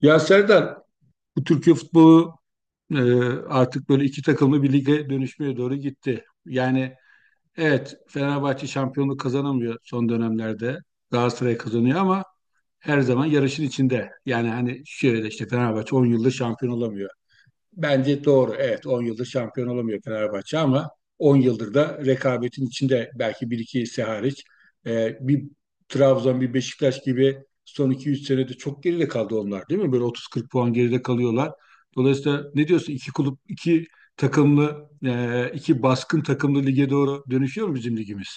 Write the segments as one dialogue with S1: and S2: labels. S1: Ya Serdar, bu Türkiye futbolu e, artık böyle iki takımlı bir lige dönüşmeye doğru gitti. Yani evet, Fenerbahçe şampiyonluk kazanamıyor son dönemlerde. Galatasaray kazanıyor ama her zaman yarışın içinde. Yani hani şöyle işte Fenerbahçe 10 yıldır şampiyon olamıyor. Bence doğru. Evet, 10 yıldır şampiyon olamıyor Fenerbahçe ama 10 yıldır da rekabetin içinde, belki bir iki ise hariç bir Trabzon, bir Beşiktaş gibi son 2-3 senede çok geride kaldı onlar, değil mi? Böyle 30-40 puan geride kalıyorlar. Dolayısıyla ne diyorsun? İki kulüp, iki takımlı, iki baskın takımlı lige doğru dönüşüyor mu bizim ligimiz?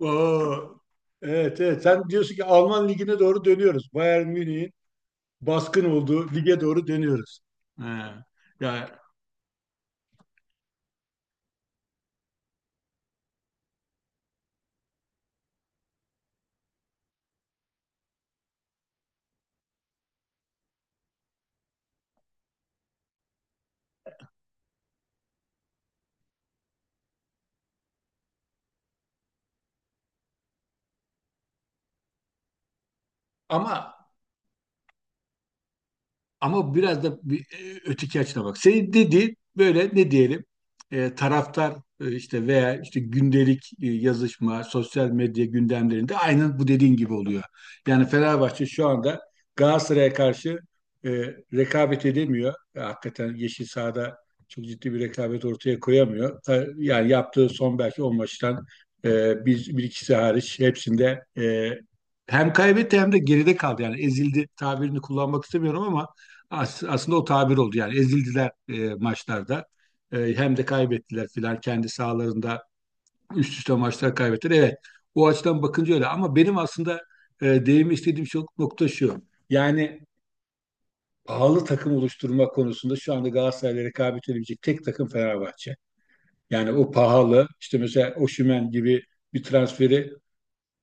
S1: Oo, evet, evet, sen diyorsun ki Alman ligine doğru dönüyoruz. Bayern Münih'in baskın olduğu lige doğru dönüyoruz. Ha. Yani ama, ama biraz da öteki açına bak. Senin dediğin böyle, ne diyelim, taraftar işte veya işte gündelik yazışma, sosyal medya gündemlerinde aynen bu dediğin gibi oluyor. Yani Fenerbahçe şu anda Galatasaray'a karşı e, rekabet edemiyor. E, hakikaten yeşil sahada çok ciddi bir rekabet ortaya koyamıyor. Yani yaptığı son belki 10 maçtan e, bir ikisi hariç hepsinde hem kaybetti hem de geride kaldı. Yani ezildi tabirini kullanmak istemiyorum ama aslında o tabir oldu, yani ezildiler maçlarda. E, hem de kaybettiler filan kendi sahalarında, üst üste maçlar kaybettiler. Evet, o açıdan bakınca öyle ama benim aslında değinmek istediğim çok nokta şu: yani pahalı takım oluşturma konusunda şu anda Galatasaray'la rekabet edebilecek tek takım Fenerbahçe. Yani o pahalı işte mesela Osimhen gibi bir transferi,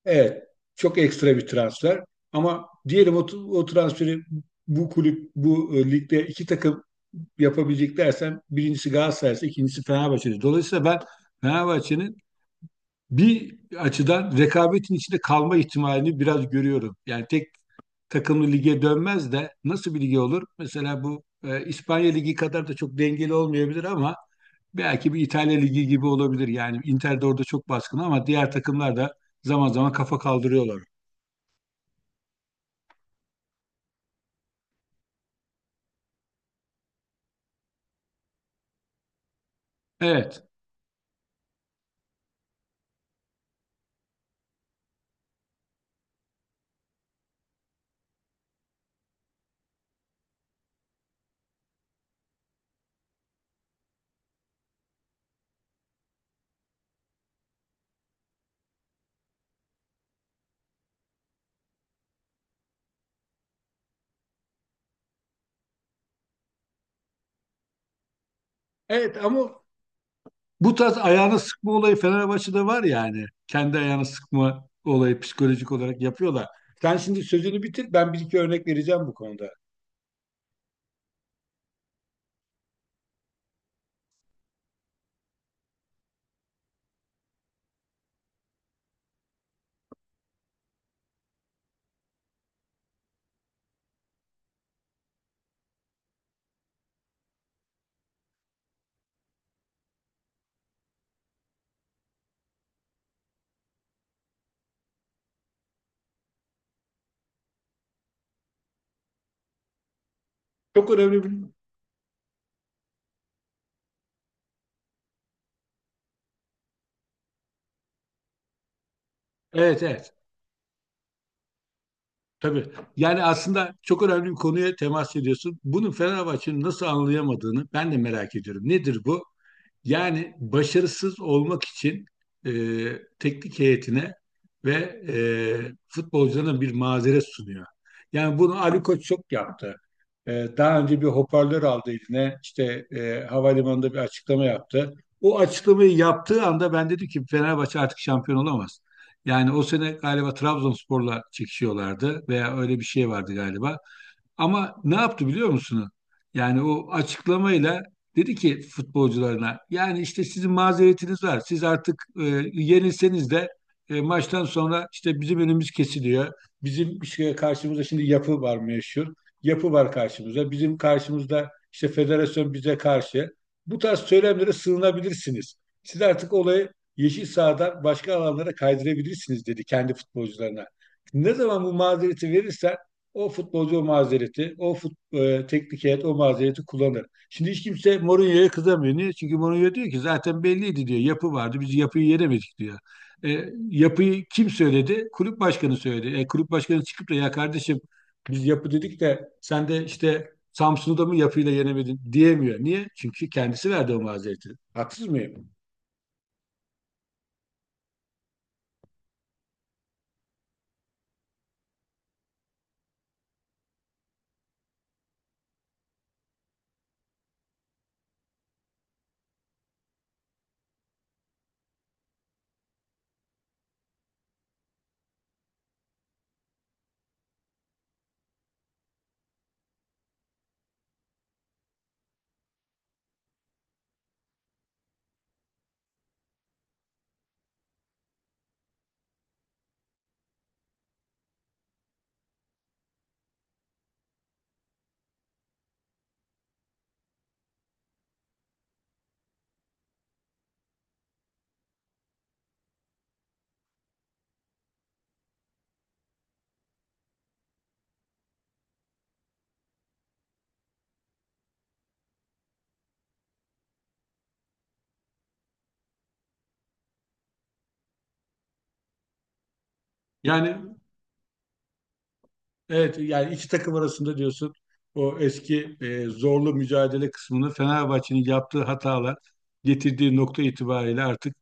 S1: evet, çok ekstra bir transfer ama diyelim o transferi bu kulüp, bu ligde iki takım yapabilecek dersem, birincisi Galatasaray'sa ikincisi Fenerbahçe'dir. Dolayısıyla ben Fenerbahçe'nin bir açıdan rekabetin içinde kalma ihtimalini biraz görüyorum. Yani tek takımlı lige dönmez de nasıl bir lige olur? Mesela bu İspanya Ligi kadar da çok dengeli olmayabilir ama belki bir İtalya Ligi gibi olabilir. Yani Inter de orada çok baskın ama diğer takımlar da zaman zaman kafa kaldırıyorlar. Evet. Evet, ama bu tarz ayağını sıkma olayı Fenerbahçe'de var yani. Kendi ayağını sıkma olayı, psikolojik olarak yapıyorlar. Sen şimdi sözünü bitir. Ben bir iki örnek vereceğim bu konuda. Çok önemli bir... Evet, evet. Tabii. Yani aslında çok önemli bir konuya temas ediyorsun. Bunu Fenerbahçe'nin nasıl anlayamadığını ben de merak ediyorum. Nedir bu? Yani başarısız olmak için e, teknik heyetine ve e, futbolcularına bir mazeret sunuyor. Yani bunu Ali Koç çok yaptı. E, daha önce bir hoparlör aldı eline, işte havalimanında bir açıklama yaptı. O açıklamayı yaptığı anda ben dedim ki Fenerbahçe artık şampiyon olamaz. Yani o sene galiba Trabzonspor'la çekişiyorlardı veya öyle bir şey vardı galiba. Ama ne yaptı biliyor musunuz? Yani o açıklamayla dedi ki futbolcularına, yani işte sizin mazeretiniz var. Siz artık yenilseniz de maçtan sonra işte bizim önümüz kesiliyor. Bizim bir şeye karşımıza şimdi yapı var, meşhur. Yapı var karşımıza. Bizim karşımızda işte federasyon bize karşı. Bu tarz söylemlere sığınabilirsiniz. Siz artık olayı yeşil sahadan başka alanlara kaydırabilirsiniz, dedi kendi futbolcularına. Ne zaman bu mazereti verirsen o futbolcu o mazereti, teknik heyet o mazereti kullanır. Şimdi hiç kimse Mourinho'ya kızamıyor. Niye? Çünkü Mourinho diyor ki zaten belliydi diyor. Yapı vardı. Biz yapıyı yenemedik diyor. E, yapıyı kim söyledi? Kulüp başkanı söyledi. E, kulüp başkanı çıkıp da ya kardeşim, biz yapı dedik de sen de işte Samsun'u da mı yapıyla yenemedin, diyemiyor. Niye? Çünkü kendisi verdi o mazereti. Haksız mıyım? Yani evet, yani iki takım arasında diyorsun o eski zorlu mücadele kısmını, Fenerbahçe'nin yaptığı hatalar getirdiği nokta itibariyle artık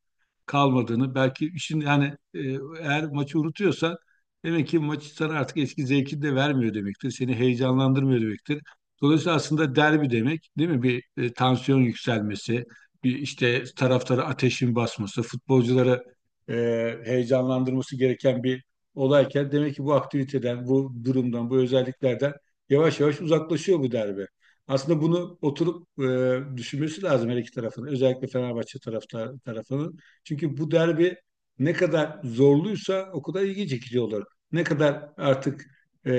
S1: kalmadığını, belki işin yani e, eğer maçı unutuyorsan demek ki maç sana artık eski zevkini de vermiyor demektir. Seni heyecanlandırmıyor demektir. Dolayısıyla aslında derbi demek değil mi? Bir tansiyon yükselmesi, bir işte taraftara ateşin basması, futbolculara e, heyecanlandırması gereken bir olayken, demek ki bu aktiviteden, bu durumdan, bu özelliklerden yavaş yavaş uzaklaşıyor bu derbi. Aslında bunu oturup düşünmesi lazım her iki tarafın. Özellikle Fenerbahçe tarafının. Çünkü bu derbi ne kadar zorluysa o kadar ilgi çekici olur. Ne kadar artık e,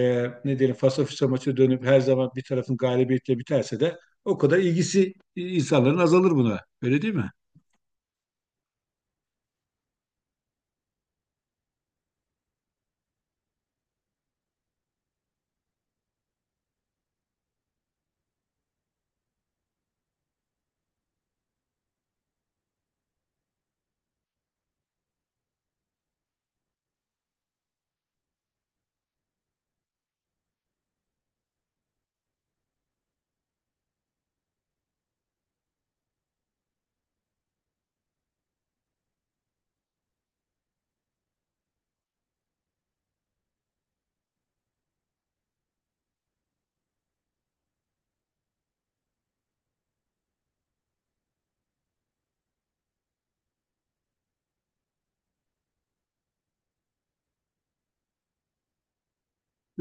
S1: ne diyelim fasafiso maçı dönüp her zaman bir tarafın galibiyetle biterse de o kadar ilgisi insanların azalır buna. Öyle değil mi?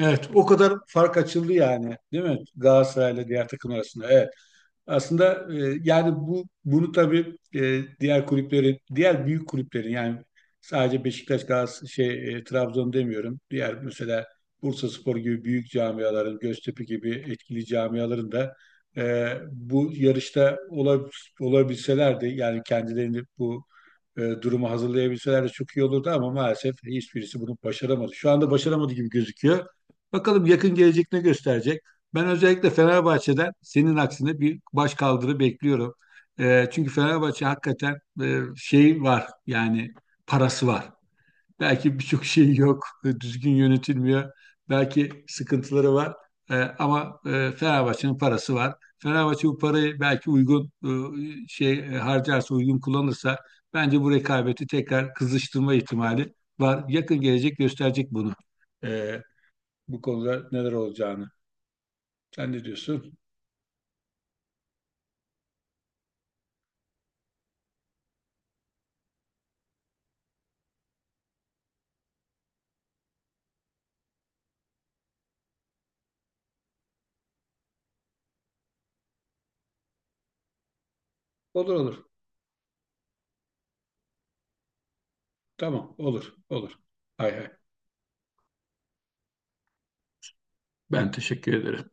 S1: Evet, o kadar fark açıldı yani, değil mi? Galatasaray'la diğer takım arasında. Evet. Aslında yani bu bunu tabii diğer kulüplerin, diğer büyük kulüplerin, yani sadece Beşiktaş, Galatasaray, Trabzon demiyorum. Diğer mesela Bursaspor gibi büyük camiaların, Göztepe gibi etkili camiaların da e, bu yarışta olabilselerdi, yani kendilerini bu durumu hazırlayabilseler de çok iyi olurdu ama maalesef hiçbirisi bunu başaramadı. Şu anda başaramadı gibi gözüküyor. Bakalım yakın gelecek ne gösterecek. Ben özellikle Fenerbahçe'den senin aksine bir baş kaldırı bekliyorum. E, çünkü Fenerbahçe hakikaten şey var yani, parası var. Belki birçok şey yok, düzgün yönetilmiyor. Belki sıkıntıları var. E, ama Fenerbahçe'nin parası var. Fenerbahçe bu parayı belki uygun harcarsa, uygun kullanırsa bence bu rekabeti tekrar kızıştırma ihtimali var. Yakın gelecek gösterecek bunu. E, bu konuda neler olacağını. Sen ne diyorsun? Olur, olur. Tamam, olur, olur. Hay hay. Ben teşekkür ederim.